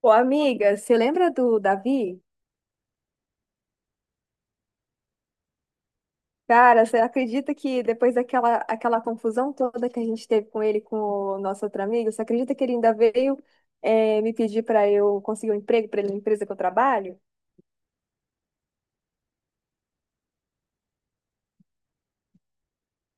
Pô, amiga, você lembra do Davi? Cara, você acredita que depois daquela aquela confusão toda que a gente teve com ele, com o nosso outro amigo, você acredita que ele ainda veio me pedir para eu conseguir um emprego para ele na empresa que eu trabalho?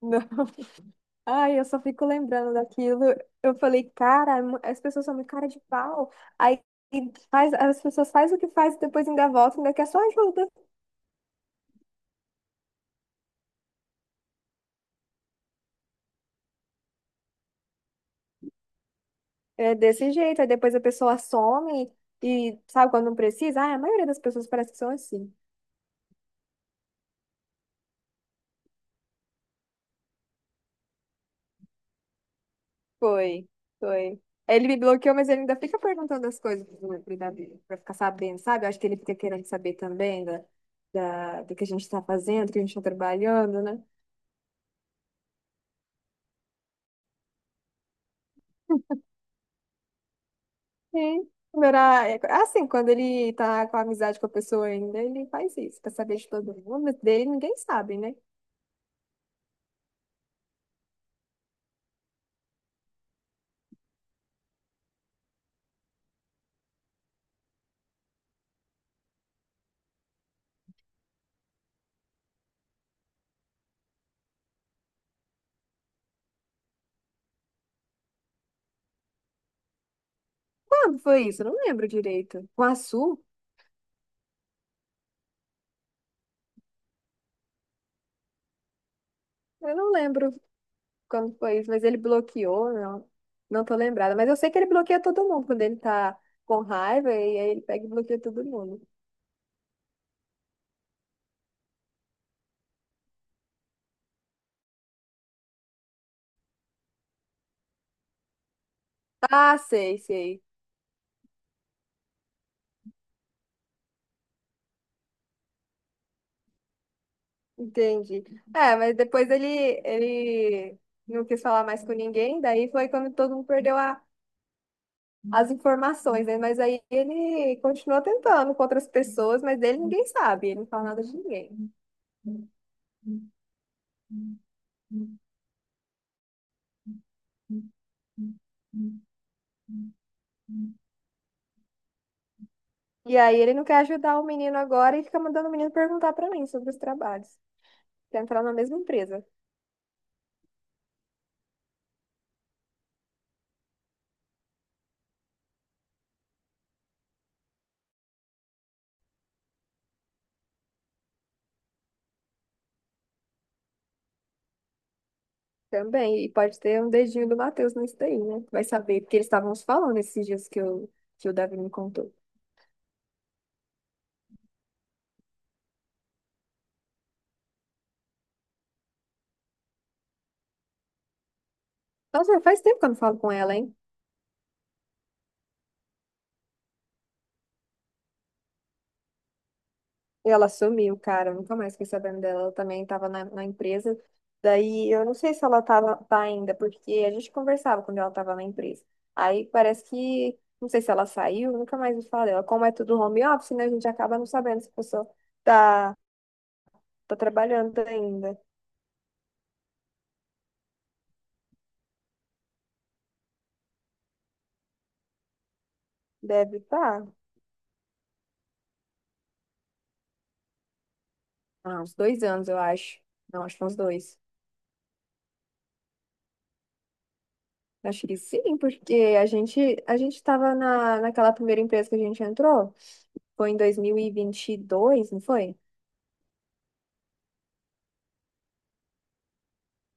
Não. Ai, eu só fico lembrando daquilo. Eu falei, cara, as pessoas são muito cara de pau. Aí faz, as pessoas faz o que faz e depois ainda volta, ainda quer só ajuda. É desse jeito. Aí depois a pessoa some e sabe quando não precisa? Ah, a maioria das pessoas parece que são assim. Foi, foi. Ele me bloqueou, mas ele ainda fica perguntando as coisas para ficar sabendo, sabe? Eu acho que ele fica querendo saber também do que a gente está fazendo, do que a gente está trabalhando, né? Sim. Quando Era, é, assim, Quando ele tá com amizade com a pessoa ainda, ele faz isso, pra saber de todo mundo, mas dele ninguém sabe, né? Quando foi isso? Eu não lembro direito. Com a Su? Eu não lembro quando foi isso, mas ele bloqueou, não. Não tô lembrada, mas eu sei que ele bloqueia todo mundo quando ele tá com raiva e aí ele pega e bloqueia todo mundo. Ah, sei, sei. Entendi. É, mas depois ele não quis falar mais com ninguém, daí foi quando todo mundo perdeu as informações, né? Mas aí ele continuou tentando com outras pessoas, mas dele ninguém sabe, ele não fala nada de ninguém. E aí ele não quer ajudar o menino agora e fica mandando o menino perguntar pra mim sobre os trabalhos. Quer entrar na mesma empresa. Também, e pode ter um dedinho do Matheus nisso daí, né? Vai saber, porque eles estavam se falando esses dias que o Davi me contou. Nossa, faz tempo que eu não falo com ela, hein? E ela sumiu, cara, eu nunca mais fiquei sabendo dela. Ela também estava na empresa. Daí, eu não sei se ela tá ainda, porque a gente conversava quando ela estava na empresa. Aí parece que, não sei se ela saiu, nunca mais me fala dela. Como é tudo home office, né? A gente acaba não sabendo se a pessoa tá, tá trabalhando ainda. Deve estar. Tá. Ah, uns dois anos, eu acho. Não, acho que uns dois. Acho que sim, porque a gente estava naquela primeira empresa que a gente entrou, foi em dois mil e vinte e dois, não foi?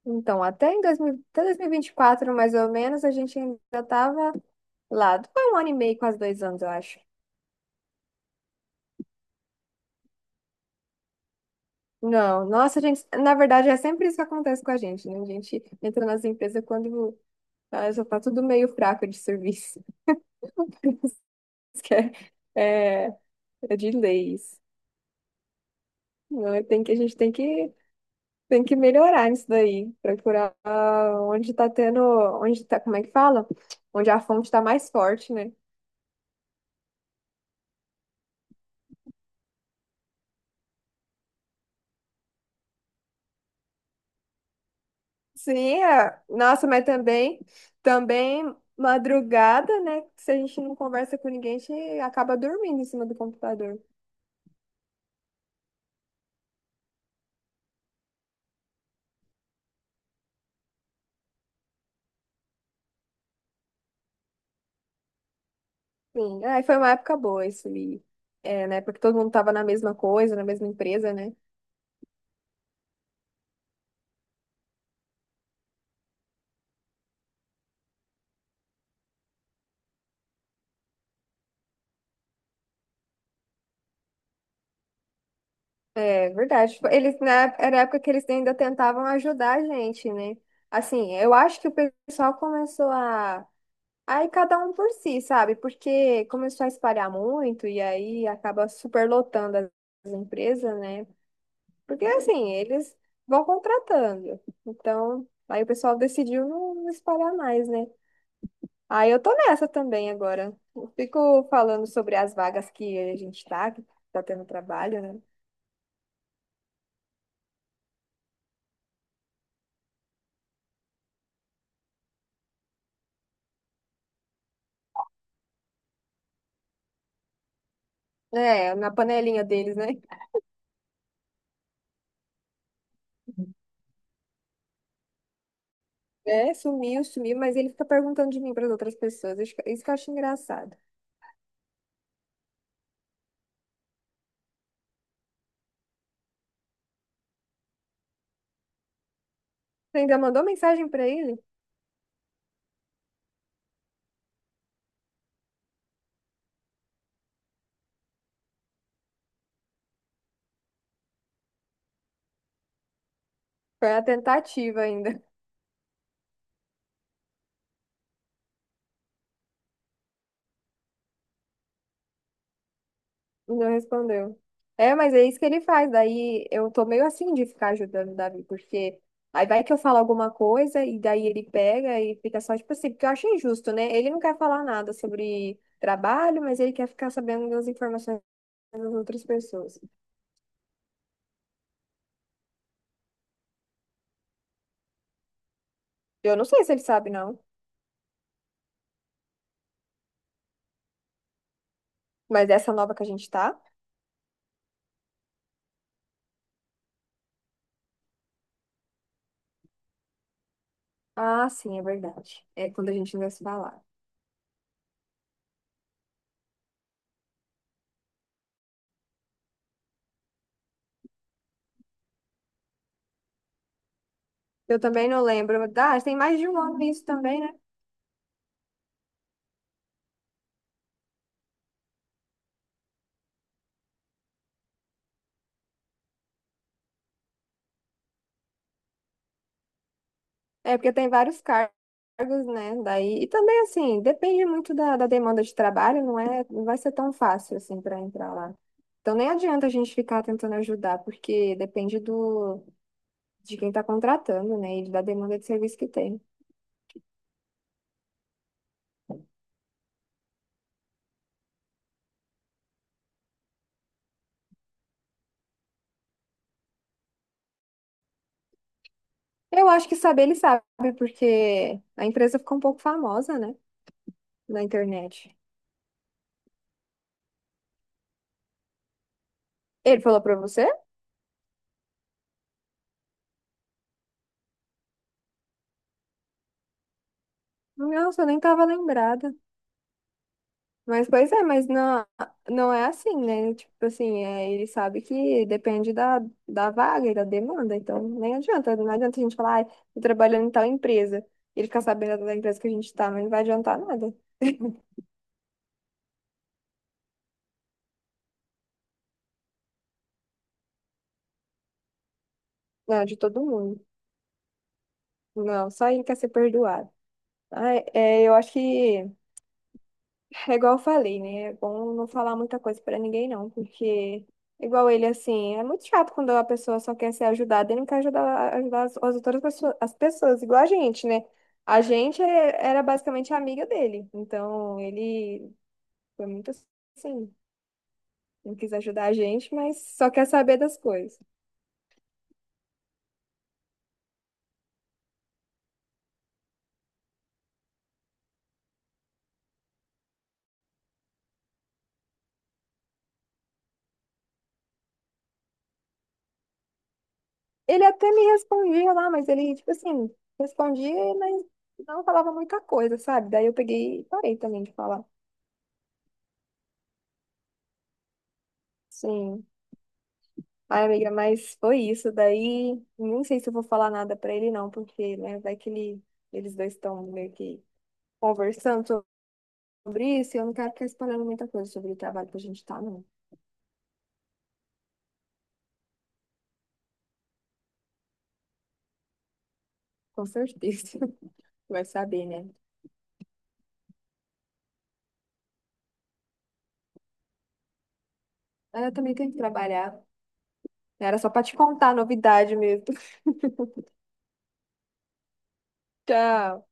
Então, até em 2000, até dois mil e vinte e quatro mais ou menos, a gente ainda estava lá. Foi um ano e meio, quase dois anos, eu acho. Não, nossa, gente, na verdade, é sempre isso que acontece com a gente, né? A gente entra nas empresas quando já tá tudo meio fraco de serviço. Isso que é, é, é de leis. Não, é, a gente tem que tem que melhorar isso daí, procurar onde tá tendo, onde tá, como é que fala? Onde a fonte tá mais forte, né? Sim, é. Nossa, mas também, também madrugada, né? Se a gente não conversa com ninguém, a gente acaba dormindo em cima do computador. Sim, aí foi uma época boa isso ali. É, né? Porque todo mundo tava na mesma coisa, na mesma empresa, né? É verdade. Era a época que eles ainda tentavam ajudar a gente, né? Assim, eu acho que o pessoal começou a. Aí cada um por si, sabe? Porque começou a espalhar muito e aí acaba superlotando as empresas, né? Porque assim, eles vão contratando. Então, aí o pessoal decidiu não espalhar mais, né? Aí eu tô nessa também agora. Eu fico falando sobre as vagas que a gente que tá tendo trabalho, né? É, na panelinha deles, né? É, sumiu, sumiu, mas ele fica perguntando de mim para as outras pessoas. Isso que eu acho engraçado. Você ainda mandou mensagem para ele? Foi a tentativa ainda. Não respondeu. É, mas é isso que ele faz. Daí eu tô meio assim de ficar ajudando o Davi, porque aí vai que eu falo alguma coisa e daí ele pega e fica só tipo assim, porque eu acho injusto, né? Ele não quer falar nada sobre trabalho, mas ele quer ficar sabendo das informações das outras pessoas. Eu não sei se ele sabe, não, mas essa nova que a gente tá. Ah, sim, é verdade. É quando a gente não se falar. Eu também não lembro. Ah, tem mais de um ano isso também, né? É porque tem vários cargos, né? Daí, e também, assim, depende muito da demanda de trabalho, não é? Não vai ser tão fácil, assim, para entrar lá. Então, nem adianta a gente ficar tentando ajudar, porque depende de quem está contratando, né? E da demanda de serviço que tem. Eu acho que saber ele sabe, porque a empresa ficou um pouco famosa, né? Na internet. Ele falou para você? Nossa, eu nem tava lembrada. Mas, pois é, mas não, não é assim, né? Tipo assim, é, ele sabe que depende da vaga e da demanda, então nem adianta, não adianta a gente falar, ai, tô trabalhando em tal empresa, e ele ficar sabendo da empresa que a gente tá, mas não vai adiantar nada. Não, de todo mundo. Não, só ele quer ser perdoado. Ai, é, eu acho que é igual eu falei, né? É bom não falar muita coisa pra ninguém, não, porque, igual ele, assim, é muito chato quando a pessoa só quer ser ajudada e não quer ajudar, as outras pessoas, as pessoas, igual a gente, né? A gente era basicamente amiga dele, então ele foi muito assim, não quis ajudar a gente, mas só quer saber das coisas. Ele até me respondia lá, mas ele, tipo assim, respondia, mas não falava muita coisa, sabe? Daí eu peguei e parei também de falar. Sim. Ai, amiga, mas foi isso. Daí, não sei se eu vou falar nada pra ele, não, porque, né, vai que eles dois estão meio que conversando sobre isso e eu não quero ficar espalhando muita coisa sobre o trabalho que a gente tá, não. Com certeza. Vai saber, né? Mas eu também tenho que trabalhar. Era só pra te contar a novidade mesmo. Tchau.